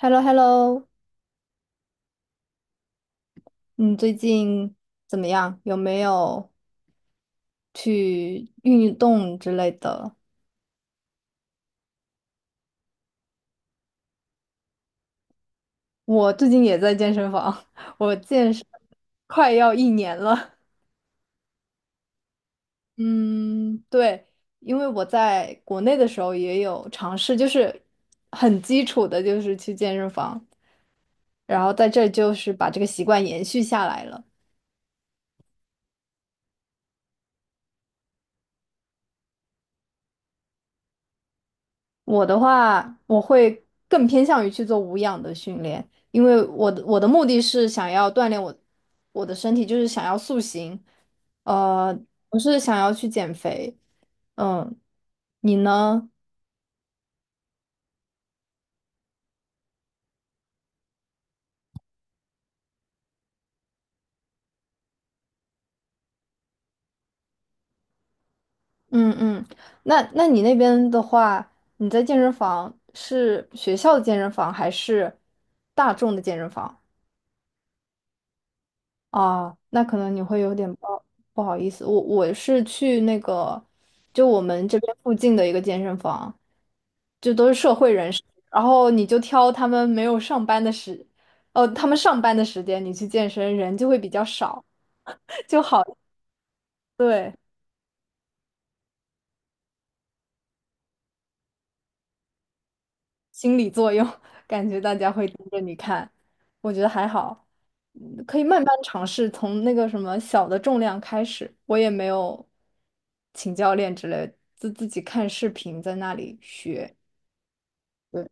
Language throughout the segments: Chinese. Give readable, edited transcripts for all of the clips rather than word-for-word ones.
h e l l o h e l l o 你最近怎么样？有没有去运动之类的？我最近也在健身房，我健身快要1年了。嗯，对，因为我在国内的时候也有尝试，就是很基础的，就是去健身房，然后在这就是把这个习惯延续下来了。我的话，我会更偏向于去做无氧的训练，因为我的目的是想要锻炼我的身体，就是想要塑形，呃，不是想要去减肥。嗯，你呢？嗯嗯，那你那边的话，你在健身房是学校的健身房还是大众的健身房？啊，那可能你会有点不好意思，我是去那个就我们这边附近的一个健身房。就都是社会人士，然后你就挑他们没有上班的时，哦，他们上班的时间你去健身，人就会比较少，就好，对，心理作用，感觉大家会盯着你看，我觉得还好，可以慢慢尝试，从那个什么小的重量开始，我也没有请教练之类的，自己看视频在那里学。对。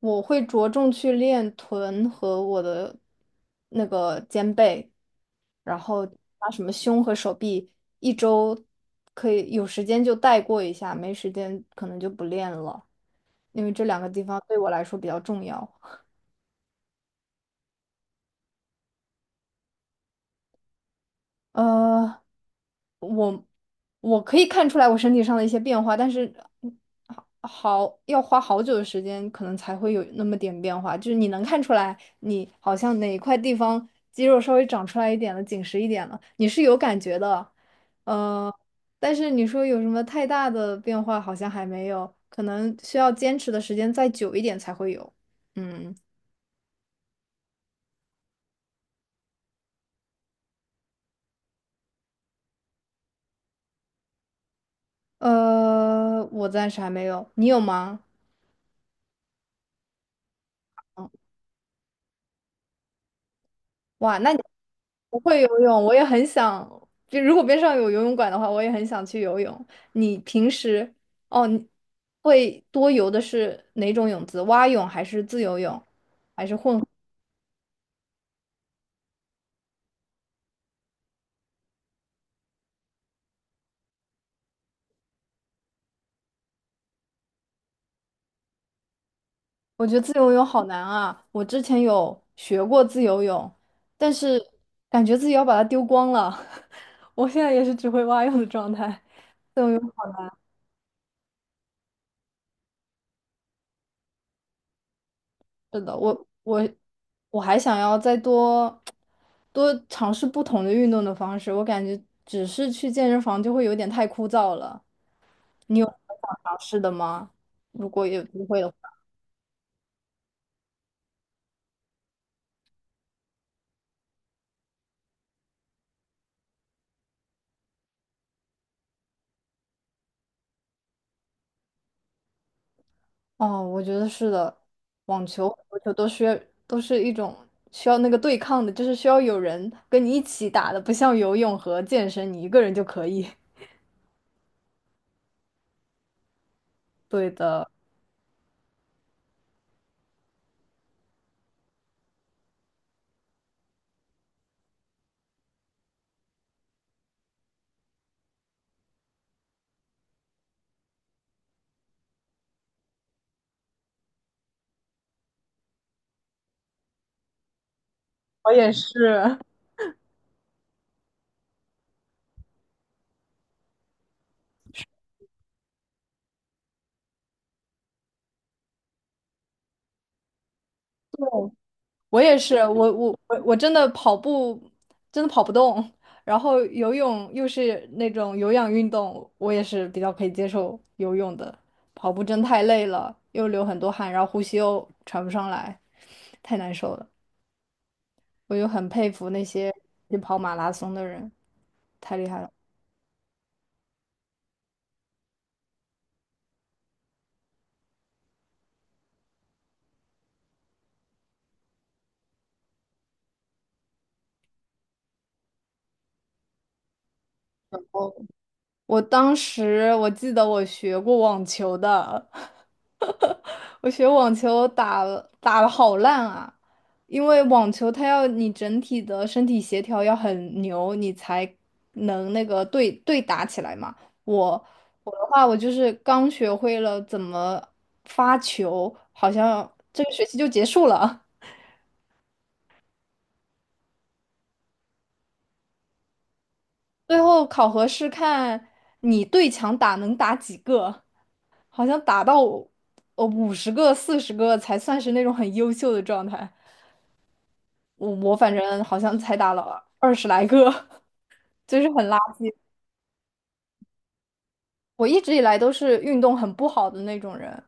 我会着重去练臀和我的那个肩背，然后把什么胸和手臂一周可以有时间就带过一下，没时间可能就不练了，因为这两个地方对我来说比较重要。呃，我可以看出来我身体上的一些变化，但是嗯好要花好久的时间，可能才会有那么点变化。就是你能看出来，你好像哪一块地方肌肉稍微长出来一点了，紧实一点了，你是有感觉的。呃，但是你说有什么太大的变化，好像还没有，可能需要坚持的时间再久一点才会有。嗯，我暂时还没有，你有吗？哇，那你不会游泳，我也很想。就如果边上有游泳馆的话，我也很想去游泳。你平时哦，你会多游的是哪种泳姿？蛙泳还是自由泳，还是混合？我觉得自由泳好难啊！我之前有学过自由泳，但是感觉自己要把它丢光了。我现在也是只会蛙泳的状态。是的，我我还想要再多多尝试不同的运动的方式，我感觉只是去健身房就会有点太枯燥了。你有什么想尝试的吗？如果有机会的话，哦，我觉得是的，网球、足球都需要都是一种需要那个对抗的，就是需要有人跟你一起打的，不像游泳和健身，你一个人就可以。对的，我也是。我也是，我真的跑步真的跑不动，然后游泳又是那种有氧运动，我也是比较可以接受游泳的。跑步真太累了，又流很多汗，然后呼吸又喘不上来，太难受了。我就很佩服那些去跑马拉松的人，太厉害了。我当时我记得我学过网球的，我学网球打了好烂啊，因为网球它要你整体的身体协调要很牛，你才能那个对打起来嘛。我我的话，我就是刚学会了怎么发球，好像这个学期就结束了。最后考核是看你对墙打能打几个，好像打到50个、40个才算是那种很优秀的状态。我反正好像才打了20来个，就是很垃圾。我一直以来都是运动很不好的那种人，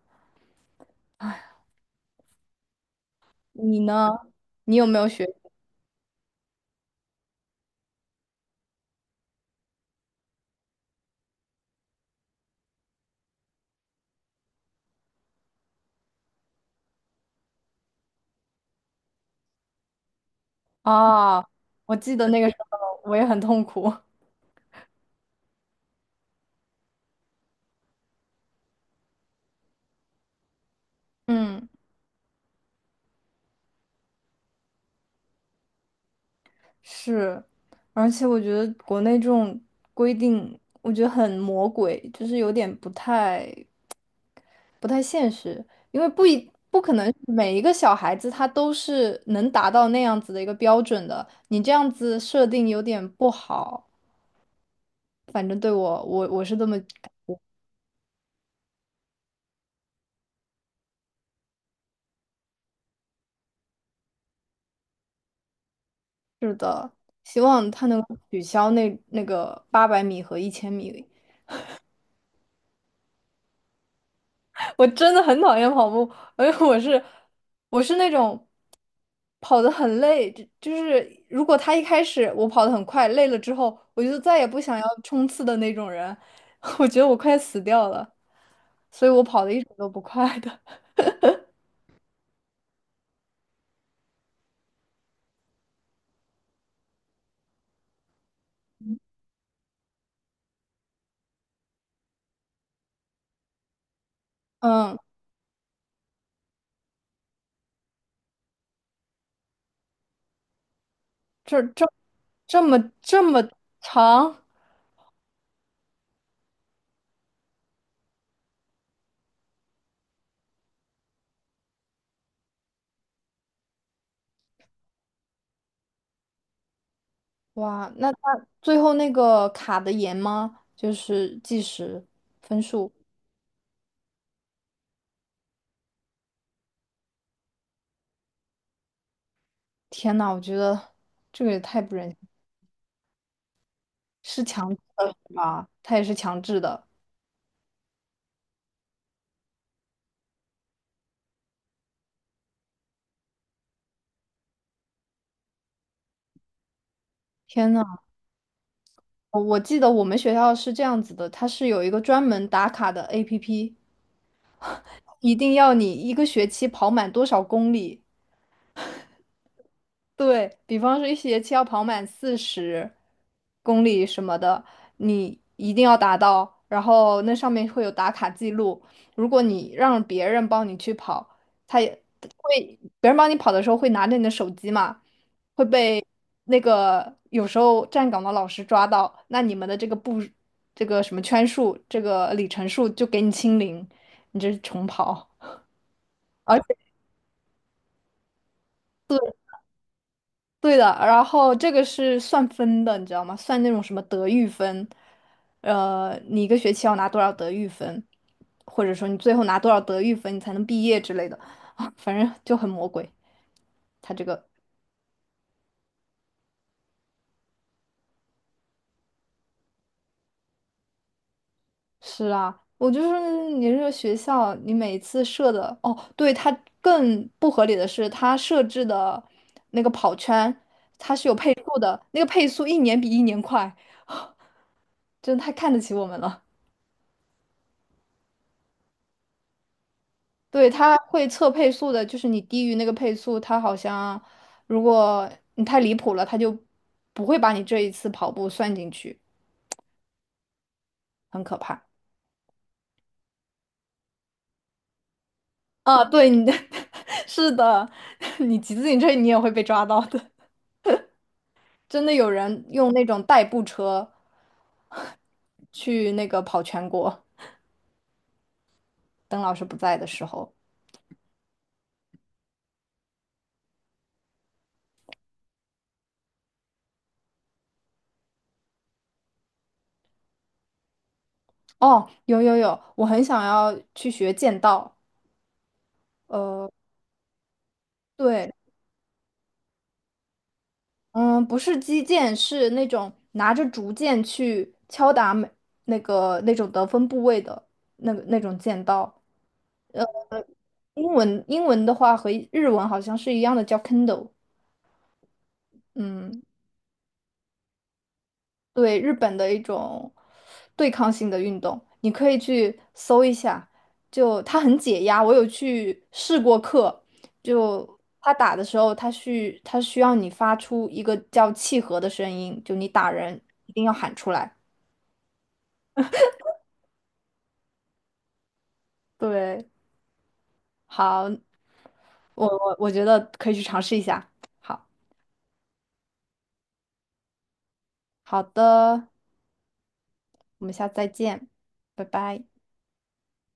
你呢？你有没有学啊？我记得那个时候我也很痛苦。嗯，是，而且我觉得国内这种规定，我觉得很魔鬼，就是有点不太现实，因为不可能每一个小孩子他都是能达到那样子的一个标准的，你这样子设定有点不好。反正对我，我是这么是的，希望他能够取消那个800米和1000米。我真的很讨厌跑步，而且我是那种。跑得很累，就是如果他一开始我跑得很快，累了之后，我就再也不想要冲刺的那种人，我觉得我快死掉了，所以我跑得一直都不快的。嗯，这这这么长，哇，那他最后那个卡的严吗？就是计时分数。天呐，我觉得这个也太不人性，是强制的是吧？他也是强制的。天呐。我记得我们学校是这样子的，它是有一个专门打卡的 APP，一定要你一个学期跑满多少公里，对，比方说一学期要跑满40公里什么的，你一定要达到，然后那上面会有打卡记录。如果你让别人帮你去跑，他也会，别人帮你跑的时候会拿着你的手机嘛，会被那个有时候站岗的老师抓到，那你们的这个步，这个什么圈数，这个里程数就给你清零，你这是重跑。而对的，然后这个是算分的，你知道吗？算那种什么德育分，你一个学期要拿多少德育分，或者说你最后拿多少德育分，你才能毕业之类的，啊，反正就很魔鬼。他这个是啊，我就是你这个学校，你每次设的，哦，对，它更不合理的是，它设置的那个跑圈，它是有配速的，那个配速一年比一年快，真的太看得起我们了。对，它会测配速的，就是你低于那个配速，它好像如果你太离谱了，它就不会把你这一次跑步算进去，很可怕。啊，对，你的 是的，你骑自行车你也会被抓到的。真的有人用那种代步车去那个跑全国，邓老师不在的时候。哦，有有有，我很想要去学剑道。呃，对，嗯，不是击剑，是那种拿着竹剑去敲打每那个那种得分部位的那个那种剑刀。呃，英文的话和日文好像是一样的，叫 Kendo。嗯，对，日本的一种对抗性的运动，你可以去搜一下，就它很解压。我有去试过课，就他打的时候，他需要你发出一个叫契合的声音，就你打人一定要喊出来。对。好，我觉得可以去尝试一下。好，好的，我们下次再见，拜拜。